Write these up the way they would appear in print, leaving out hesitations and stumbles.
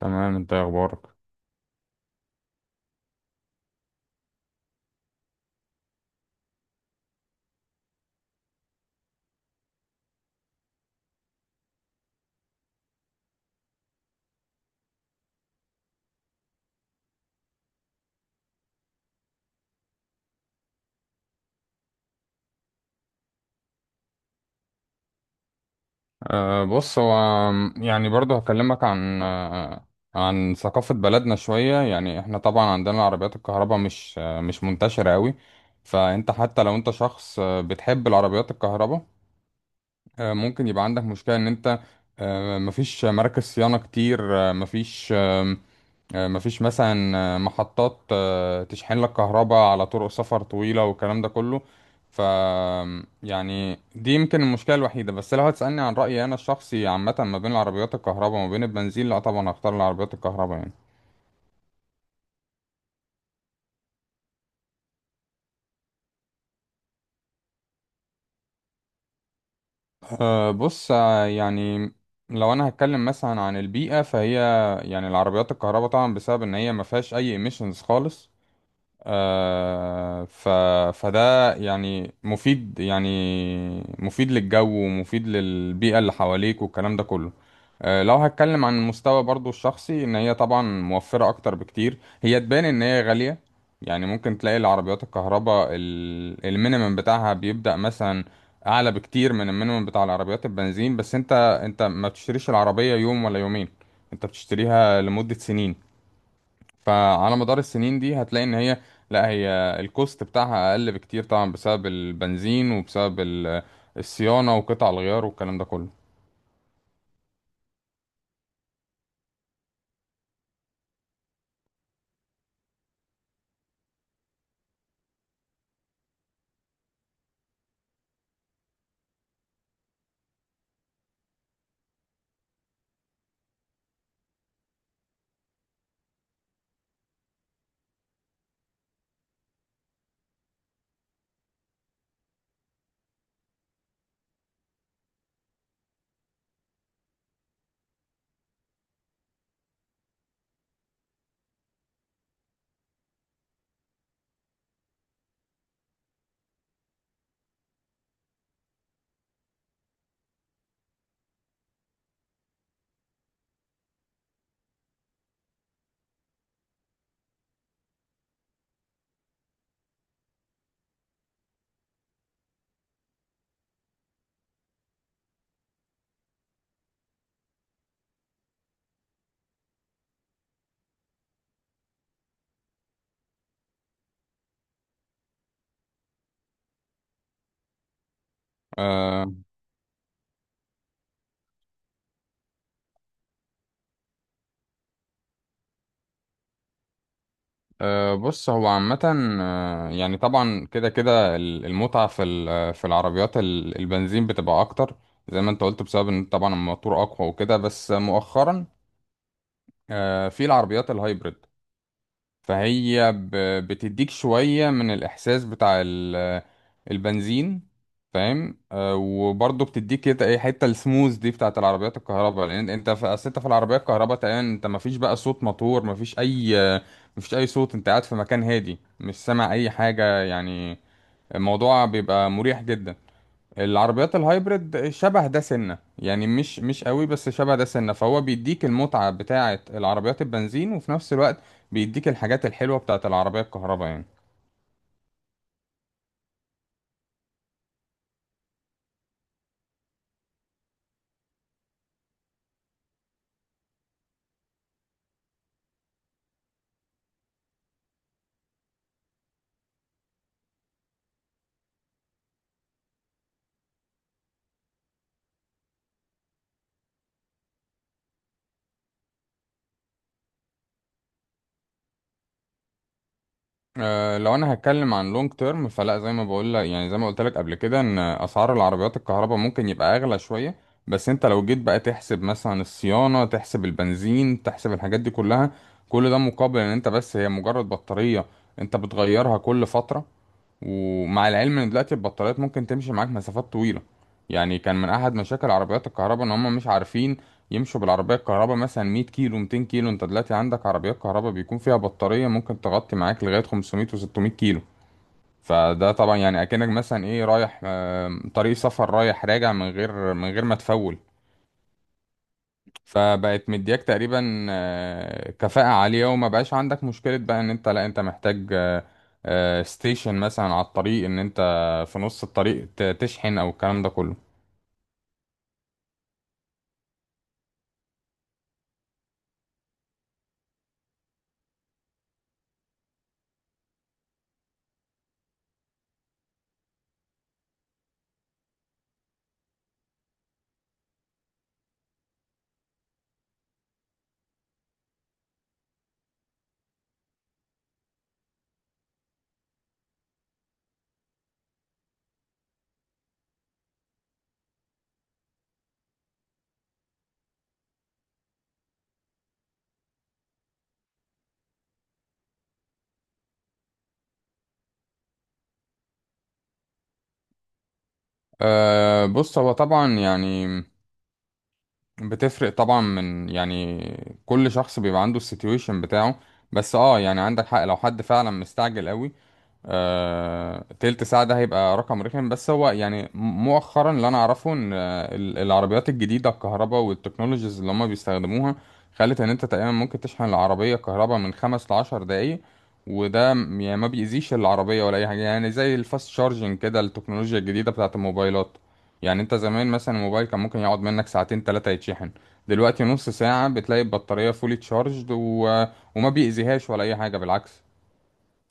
تمام، انت ايه اخبارك؟ بص، هو يعني برضو هكلمك عن ثقافة بلدنا شوية. يعني احنا طبعا عندنا عربيات الكهرباء مش منتشرة قوي. فانت حتى لو انت شخص بتحب العربيات الكهرباء، ممكن يبقى عندك مشكلة ان انت مفيش مراكز صيانة كتير. أه مفيش آه، مفيش مثلا محطات تشحن لك كهرباء على طرق سفر طويلة والكلام ده كله. ف يعني دي يمكن المشكلة الوحيدة. بس لو هتسألني عن رأيي أنا الشخصي، عامة ما بين العربيات الكهرباء وما بين البنزين، لا طبعا هختار العربيات الكهرباء يعني. بص، يعني لو أنا هتكلم مثلا عن البيئة، فهي يعني العربيات الكهرباء طبعا بسبب إن هي ما فيهاش أي emissions خالص. آه، ف... فده يعني مفيد، يعني مفيد للجو ومفيد للبيئة اللي حواليك والكلام ده كله. لو هتكلم عن المستوى برضو الشخصي، ان هي طبعا موفرة اكتر بكتير. هي تبان ان هي غالية، يعني ممكن تلاقي العربيات الكهرباء المينيمم بتاعها بيبدأ مثلا اعلى بكتير من المينيمم بتاع العربيات البنزين. بس انت ما بتشتريش العربية يوم ولا يومين، انت بتشتريها لمدة سنين. فعلى مدار السنين دي هتلاقي ان هي لا هي الكوست بتاعها اقل بكتير طبعا بسبب البنزين وبسبب الصيانة وقطع الغيار والكلام ده كله. أه أه بص، هو عامة يعني طبعا كده كده المتعة في في العربيات البنزين بتبقى أكتر، زي ما أنت قلت بسبب إن طبعا الموتور أقوى وكده. بس مؤخرا في العربيات الهايبريد، فهي بتديك شوية من الإحساس بتاع البنزين. فاهم؟ وبرضه بتديك كده ايه حتة السموز دي بتاعة العربيات الكهرباء، لأن انت في أصل انت في العربية الكهرباء تقريبا انت مفيش بقى صوت موتور، مفيش أي صوت. انت قاعد في مكان هادي، مش سامع أي حاجة يعني. الموضوع بيبقى مريح جدا. العربيات الهايبرد شبه ده سنة يعني مش قوي، بس شبه ده سنة. فهو بيديك المتعة بتاعة العربيات البنزين وفي نفس الوقت بيديك الحاجات الحلوة بتاعة العربية الكهرباء يعني. لو انا هتكلم عن لونج تيرم، فلا. زي ما بقول لك، يعني زي ما قلت لك قبل كده، ان اسعار العربيات الكهرباء ممكن يبقى اغلى شوية. بس انت لو جيت بقى تحسب مثلا الصيانة، تحسب البنزين، تحسب الحاجات دي كلها، كل ده مقابل ان انت بس هي مجرد بطارية انت بتغيرها كل فترة. ومع العلم ان دلوقتي البطاريات ممكن تمشي معاك مسافات طويله. يعني كان من احد مشاكل عربيات الكهرباء ان هم مش عارفين يمشوا بالعربيه الكهرباء مثلا 100 كيلو 200 كيلو. انت دلوقتي عندك عربيات كهرباء بيكون فيها بطاريه ممكن تغطي معاك لغايه 500 و600 كيلو. فده طبعا يعني اكنك مثلا ايه رايح طريق سفر رايح راجع من غير ما تفول. فبقت مدياك تقريبا كفاءة عالية، وما بقاش عندك مشكلة بقى ان انت، لا انت محتاج ستيشن مثلا على الطريق ان انت في نص الطريق تشحن او الكلام ده كله. بص، هو طبعا يعني بتفرق طبعا من، يعني كل شخص بيبقى عنده السيتويشن بتاعه. بس اه يعني عندك حق، لو حد فعلا مستعجل قوي، تلت ساعة ده هيبقى رقم رخم. بس هو يعني مؤخرا اللي أنا أعرفه إن العربيات الجديدة الكهرباء والتكنولوجيز اللي هما بيستخدموها خلت إن أنت تقريبا ممكن تشحن العربية كهرباء من خمس لعشر دقايق. وده يعني ما بيأذيش العربية ولا أي حاجة، يعني زي الفاست شارجنج كده، التكنولوجيا الجديدة بتاعة الموبايلات. يعني أنت زمان مثلا الموبايل كان ممكن يقعد منك ساعتين تلاتة يتشحن، دلوقتي نص ساعة بتلاقي البطارية فولي تشارجد، و... وما بيأذيهاش ولا أي حاجة، بالعكس.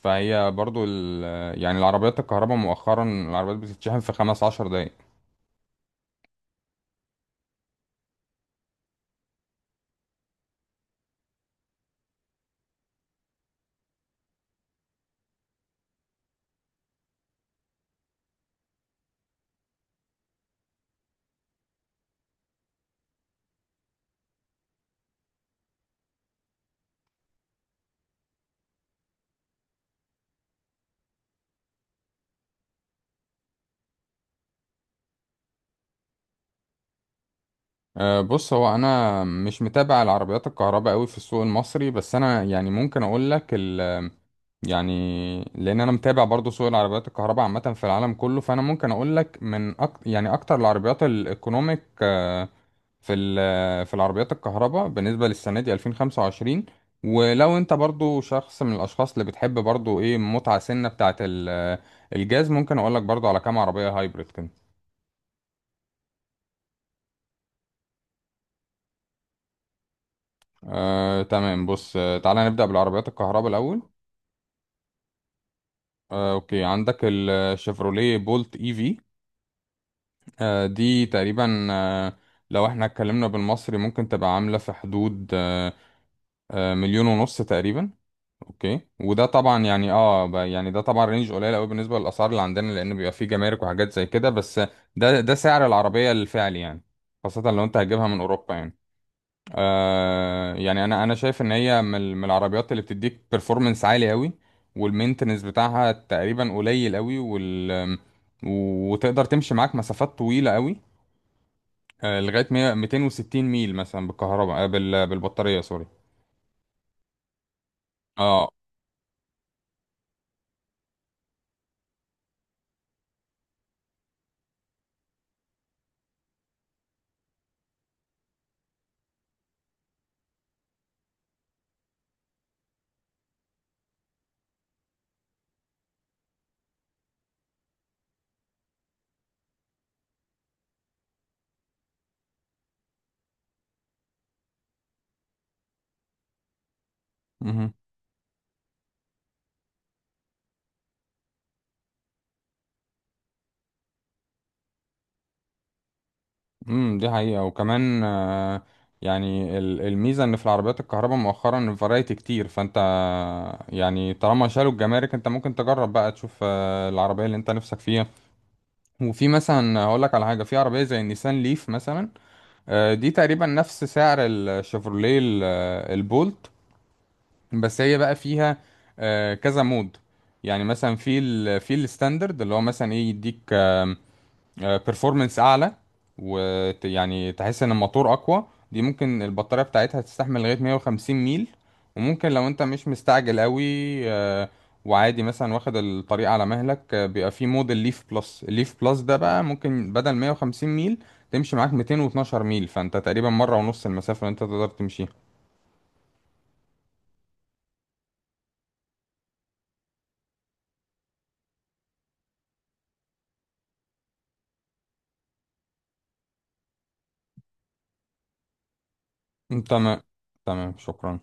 فهي برضو يعني العربيات الكهرباء مؤخرا العربيات بتتشحن في خمس عشر دقايق. بص، هو انا مش متابع العربيات الكهرباء قوي في السوق المصري. بس انا يعني ممكن اقول لك يعني لان انا متابع برضو سوق العربيات الكهرباء عامه في العالم كله. فانا ممكن اقول لك يعني اكتر العربيات الايكونوميك في في العربيات الكهرباء بالنسبة للسنة دي 2025. ولو انت برضو شخص من الاشخاص اللي بتحب برضو ايه متعة سنة بتاعة الجاز، ممكن اقول لك برضو على كام عربية هايبريد كده. تمام، بص، تعالى نبدأ بالعربيات الكهرباء الاول. اوكي، عندك الشيفروليه بولت اي في. آه دي تقريبا آه لو احنا اتكلمنا بالمصري ممكن تبقى عاملة في حدود مليون ونص تقريبا. اوكي، وده طبعا يعني يعني ده طبعا رينج قليل قوي بالنسبه للاسعار اللي عندنا، لان بيبقى فيه جمارك وحاجات زي كده. بس ده سعر العربيه الفعلي يعني، خاصه لو انت هتجيبها من اوروبا يعني. يعني انا شايف ان هي من العربيات اللي بتديك performance عالي قوي، والمينتنس بتاعها تقريبا قليل قوي، وتقدر تمشي معاك مسافات طويله قوي. لغايه 100 260 ميل مثلا بالكهرباء، بالبطاريه. سوري. اه دي حقيقة. وكمان يعني الميزة ان في العربيات الكهرباء مؤخرا الفرايتي كتير. فانت يعني طالما شالوا الجمارك، انت ممكن تجرب بقى تشوف العربية اللي انت نفسك فيها. وفي مثلا هقول لك على حاجة، في عربية زي النيسان ليف مثلا. دي تقريبا نفس سعر الشيفروليه البولت. بس هي بقى فيها كذا مود. يعني مثلا في ال في الستاندرد، اللي هو مثلا ايه يديك بيرفورمانس اعلى، ويعني تحس ان الموتور اقوى. دي ممكن البطارية بتاعتها تستحمل لغاية 150 ميل. وممكن لو انت مش مستعجل قوي، آه، وعادي مثلا واخد الطريق على مهلك، بيبقى في موديل ليف بلس. الليف بلس ده بقى ممكن بدل 150 ميل تمشي معاك 212 ميل، فانت تقريبا مرة ونص المسافة اللي انت تقدر تمشيها. تمام. تمام، شكرا.